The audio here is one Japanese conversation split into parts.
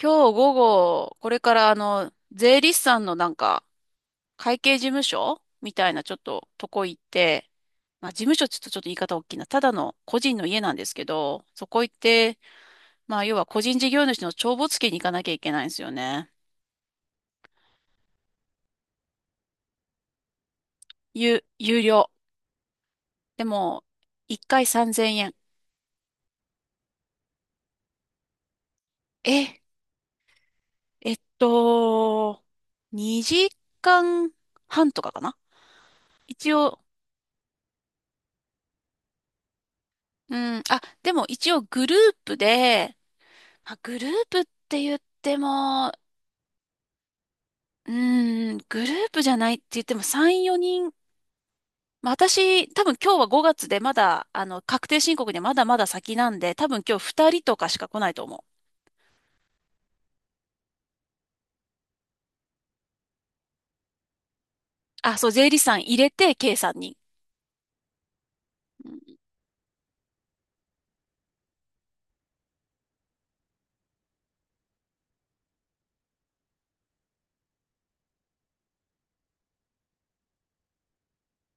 今日午後、これから税理士さんのなんか、会計事務所みたいなちょっととこ行って、まあ事務所ちょっとちょっと言い方大きいな。ただの個人の家なんですけど、そこ行って、まあ要は個人事業主の帳簿付けに行かなきゃいけないんですよね。有料。でも、1回3000円。え、えっと、2時間半とかかな、一応。うん、あ、でも一応グループで、まあ、グループって言っても、グループじゃないって言っても3、4人、まあ、私、多分今日は5月でまだ、確定申告でまだまだ先なんで、多分今日2人とかしか来ないと思う。あ、そう、税理士さん入れて、計3んにん。うん、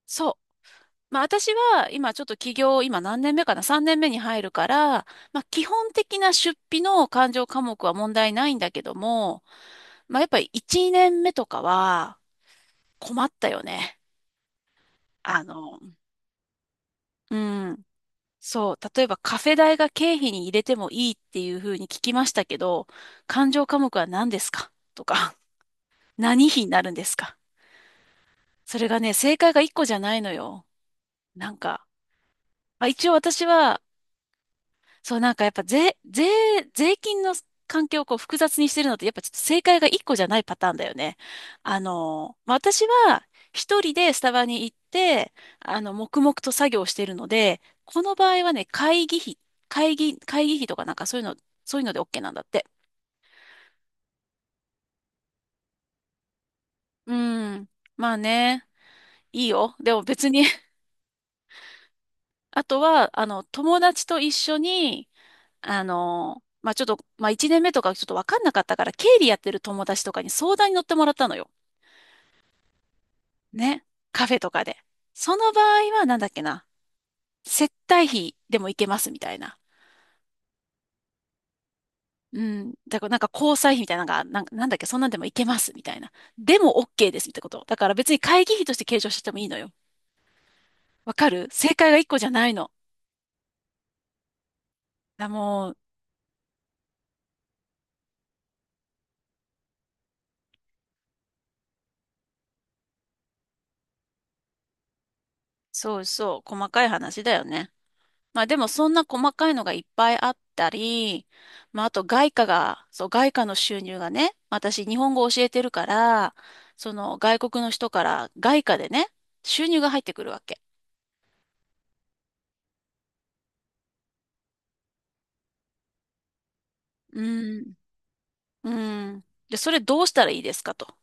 そう。まあ、私は今ちょっと起業、今何年目かな ?3 年目に入るから、まあ、基本的な出費の勘定科目は問題ないんだけども、まあ、やっぱり1、年目とかは困ったよね。あの、うん。そう、例えばカフェ代が経費に入れてもいいっていうふうに聞きましたけど、勘定科目は何ですかとか、何費になるんですか？それがね、正解が1個じゃないのよ。なんか、まあ、一応私は、そう、なんかやっぱ税金の関係をこう複雑にしてるのって、やっぱちょっと正解が一個じゃないパターンだよね。まあ私は一人でスタバに行って、黙々と作業してるので、この場合はね、会議費、会議費とかなんかそういうの、そういうので OK なんだって。うん。まあね、いいよ。でも別に。 あとは、友達と一緒に、まあちょっと、まあ1年目とかちょっとわかんなかったから、経理やってる友達とかに相談に乗ってもらったのよ。ね。カフェとかで。その場合は、なんだっけな。接待費でもいけますみたいな。うん。だからなんか交際費みたいなのが、なんか、なんだっけ、そんなんでもいけますみたいな。でも OK ですってこと。だから別に会議費として計上してもいいのよ。わかる？正解が一個じゃないの。だもう、そうそう、細かい話だよね。まあでもそんな細かいのがいっぱいあったり、まああと外貨が、そう外貨の収入がね、私日本語教えてるから、その外国の人から外貨でね、収入が入ってくるわけ。うん。うん。で、それどうしたらいいですかと。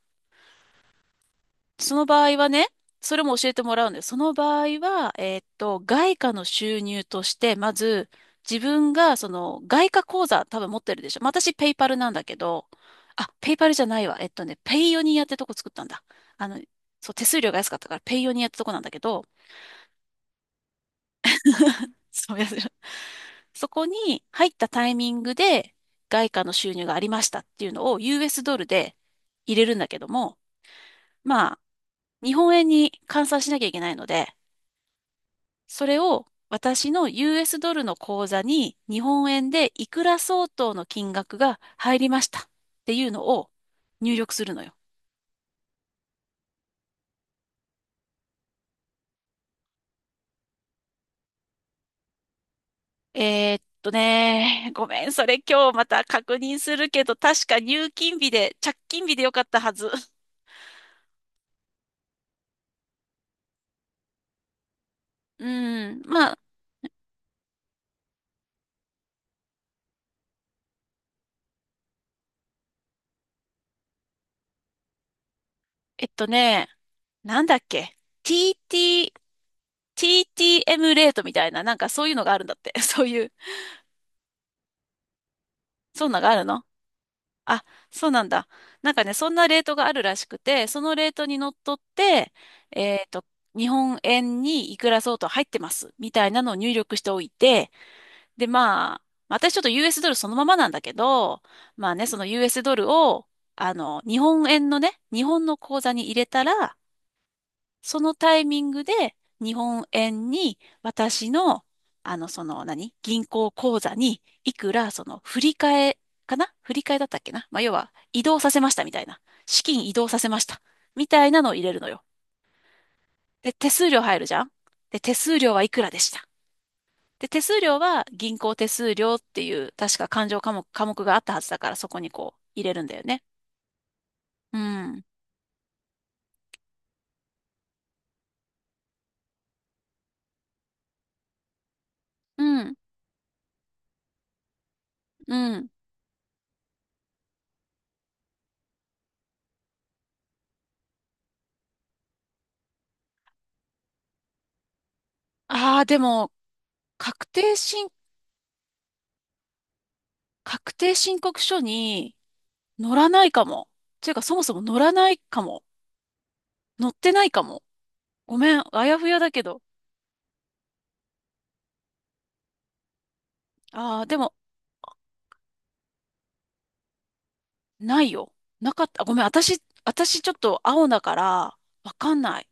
その場合はね、それも教えてもらうんです。その場合は、外貨の収入として、まず、自分が、その、外貨口座多分持ってるでしょ。まあ、私、ペイパルなんだけど、あ、ペイパルじゃないわ。ペイヨニアってとこ作ったんだ。あの、そう、手数料が安かったから、ペイヨニアってとこなんだけど、そうや、そこに入ったタイミングで、外貨の収入がありましたっていうのを、US ドルで入れるんだけども、まあ、日本円に換算しなきゃいけないので、それを私の US ドルの口座に日本円でいくら相当の金額が入りましたっていうのを入力するのよ。ごめん、それ今日また確認するけど、確か入金日で、着金日でよかったはず。うん、まあ、えっとね、なんだっけ、TT、TTM レートみたいな、なんかそういうのがあるんだって。そういう、そんなのがあるの？あ、そうなんだ。なんかね、そんなレートがあるらしくて、そのレートにのっとって、えっと、日本円にいくら相当入ってます、みたいなのを入力しておいて、で、まあ、私ちょっと US ドルそのままなんだけど、まあね、その US ドルを、日本円のね、日本の口座に入れたら、そのタイミングで日本円に私の、その何、銀行口座にいくら、その振り替えかな、振り替えだったっけな。まあ、要は移動させましたみたいな。資金移動させました。みたいなのを入れるのよ。で、手数料入るじゃん。で、手数料はいくらでした。で、手数料は銀行手数料っていう、確か勘定科目、科目があったはずだから、そこにこう入れるんだよね。うん。うん。うん。ああ、でも、確定申、確定申告書に、乗らないかも。ていうか、そもそも乗らないかも。乗ってないかも。ごめん、あやふやだけど。ああ、でも、ないよ。なかった。ごめん、私ちょっと青だから、わかんない。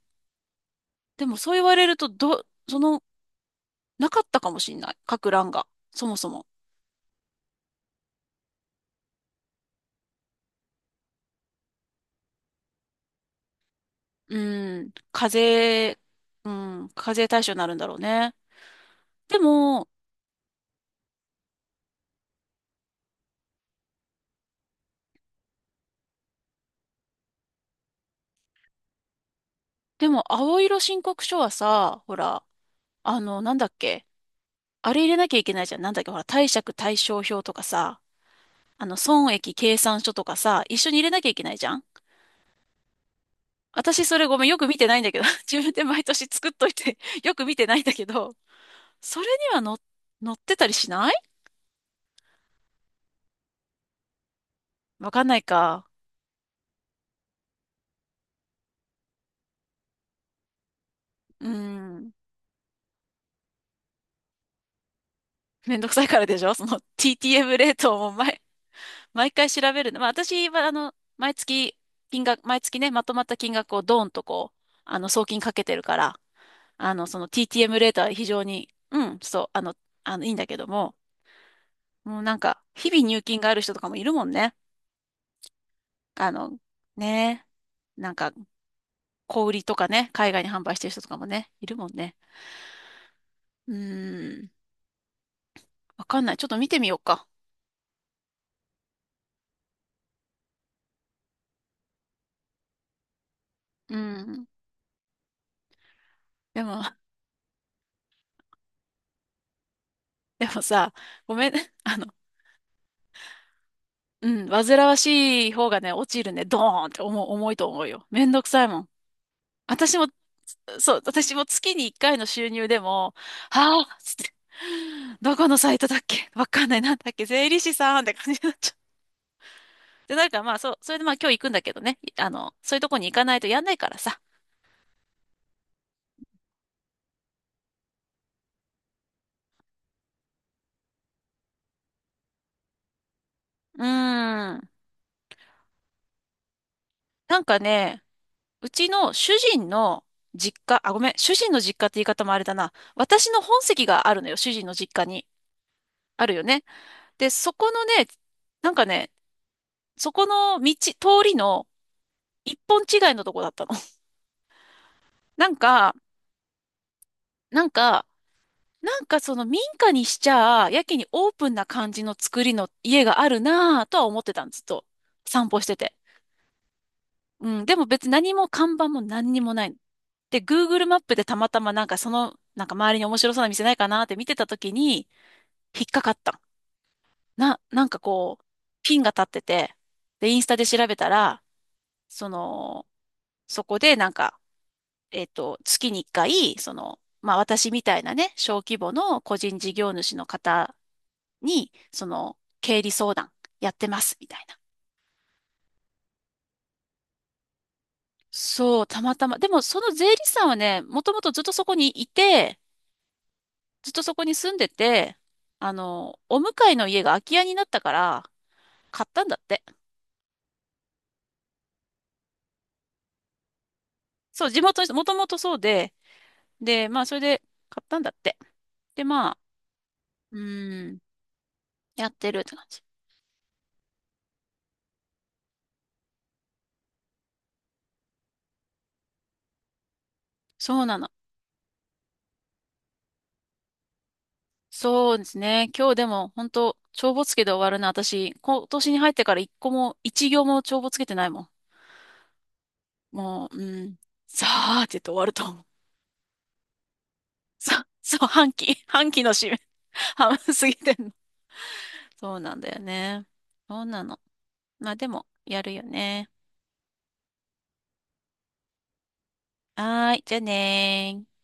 でも、そう言われると、その、なかったかもしんない。各欄が。そもそも。うーん、課税対象になるんだろうね。でも、でも、青色申告書はさ、ほら、なんだっけ？あれ入れなきゃいけないじゃん。なんだっけ、ほら、貸借対照表とかさ。損益計算書とかさ、一緒に入れなきゃいけないじゃん。私それごめん、よく見てないんだけど、自分で毎年作っといて よく見てないんだけど、それにはの、載ってたりしない？わかんないか。うん。めんどくさいからでしょ、その TTM レートを毎回調べるの。まあ私は毎月、金額、毎月ね、まとまった金額をドーンとこう、送金かけてるから、その TTM レートは非常に、うん、そう、いいんだけども、もうなんか、日々入金がある人とかもいるもんね。あの、ねえ。なんか、小売りとかね、海外に販売してる人とかもね、いるもんね。うーん。わかんない。ちょっと見てみようか。うん。でも、でもさ、ごめん、あの、うん、煩わしい方がね、落ちるね、ドーンって重いと思うよ。めんどくさいもん。私も、そう、私も月に1回の収入でも、はぁ、つって、どこのサイトだっけ？わかんない、なんだっけ、税理士さんって感じになっちゃう。で、なんかまあ、そう、それでまあ今日行くんだけどね。いあの、そういうとこに行かないとやんないからさ。うーん。なんかね、うちの主人の実家、あ、ごめん、主人の実家って言い方もあれだな。私の本籍があるのよ、主人の実家に。あるよね。で、そこのね、なんかね、そこの道、通りの一本違いのとこだったの。なんか、なんか、なんかその民家にしちゃ、やけにオープンな感じの作りの家があるなぁとは思ってたんです、ずっと。散歩してて。うん、でも別に何も看板も何にもないの。で、Google マップでたまたまなんかその、なんか周りに面白そうな店ないかなって見てた時に、引っかかったの。なんかこう、ピンが立ってて、で、インスタで調べたら、その、そこでなんか、月に1回、その、まあ私みたいなね、小規模の個人事業主の方に、その、経理相談やってます、みたいな。そう、たまたま。でもその税理士さんはね、もともとずっとそこにいて、ずっとそこに住んでて、お向かいの家が空き家になったから、買ったんだって。そう、地元の人、もともとそうで、で、まあ、それで買ったんだって。で、まあ、うーん、やってるって感じ。そうなの。そうですね。今日でも、本当帳簿つけで終わるな。私、今年に入ってから一個も、一行も帳簿つけてないもん。もう、うん、さあって言って終わると思う。そう、半期の締め、半分過ぎてんの。そうなんだよね。そうなの。まあでも、やるよね。はーい、じゃあねー。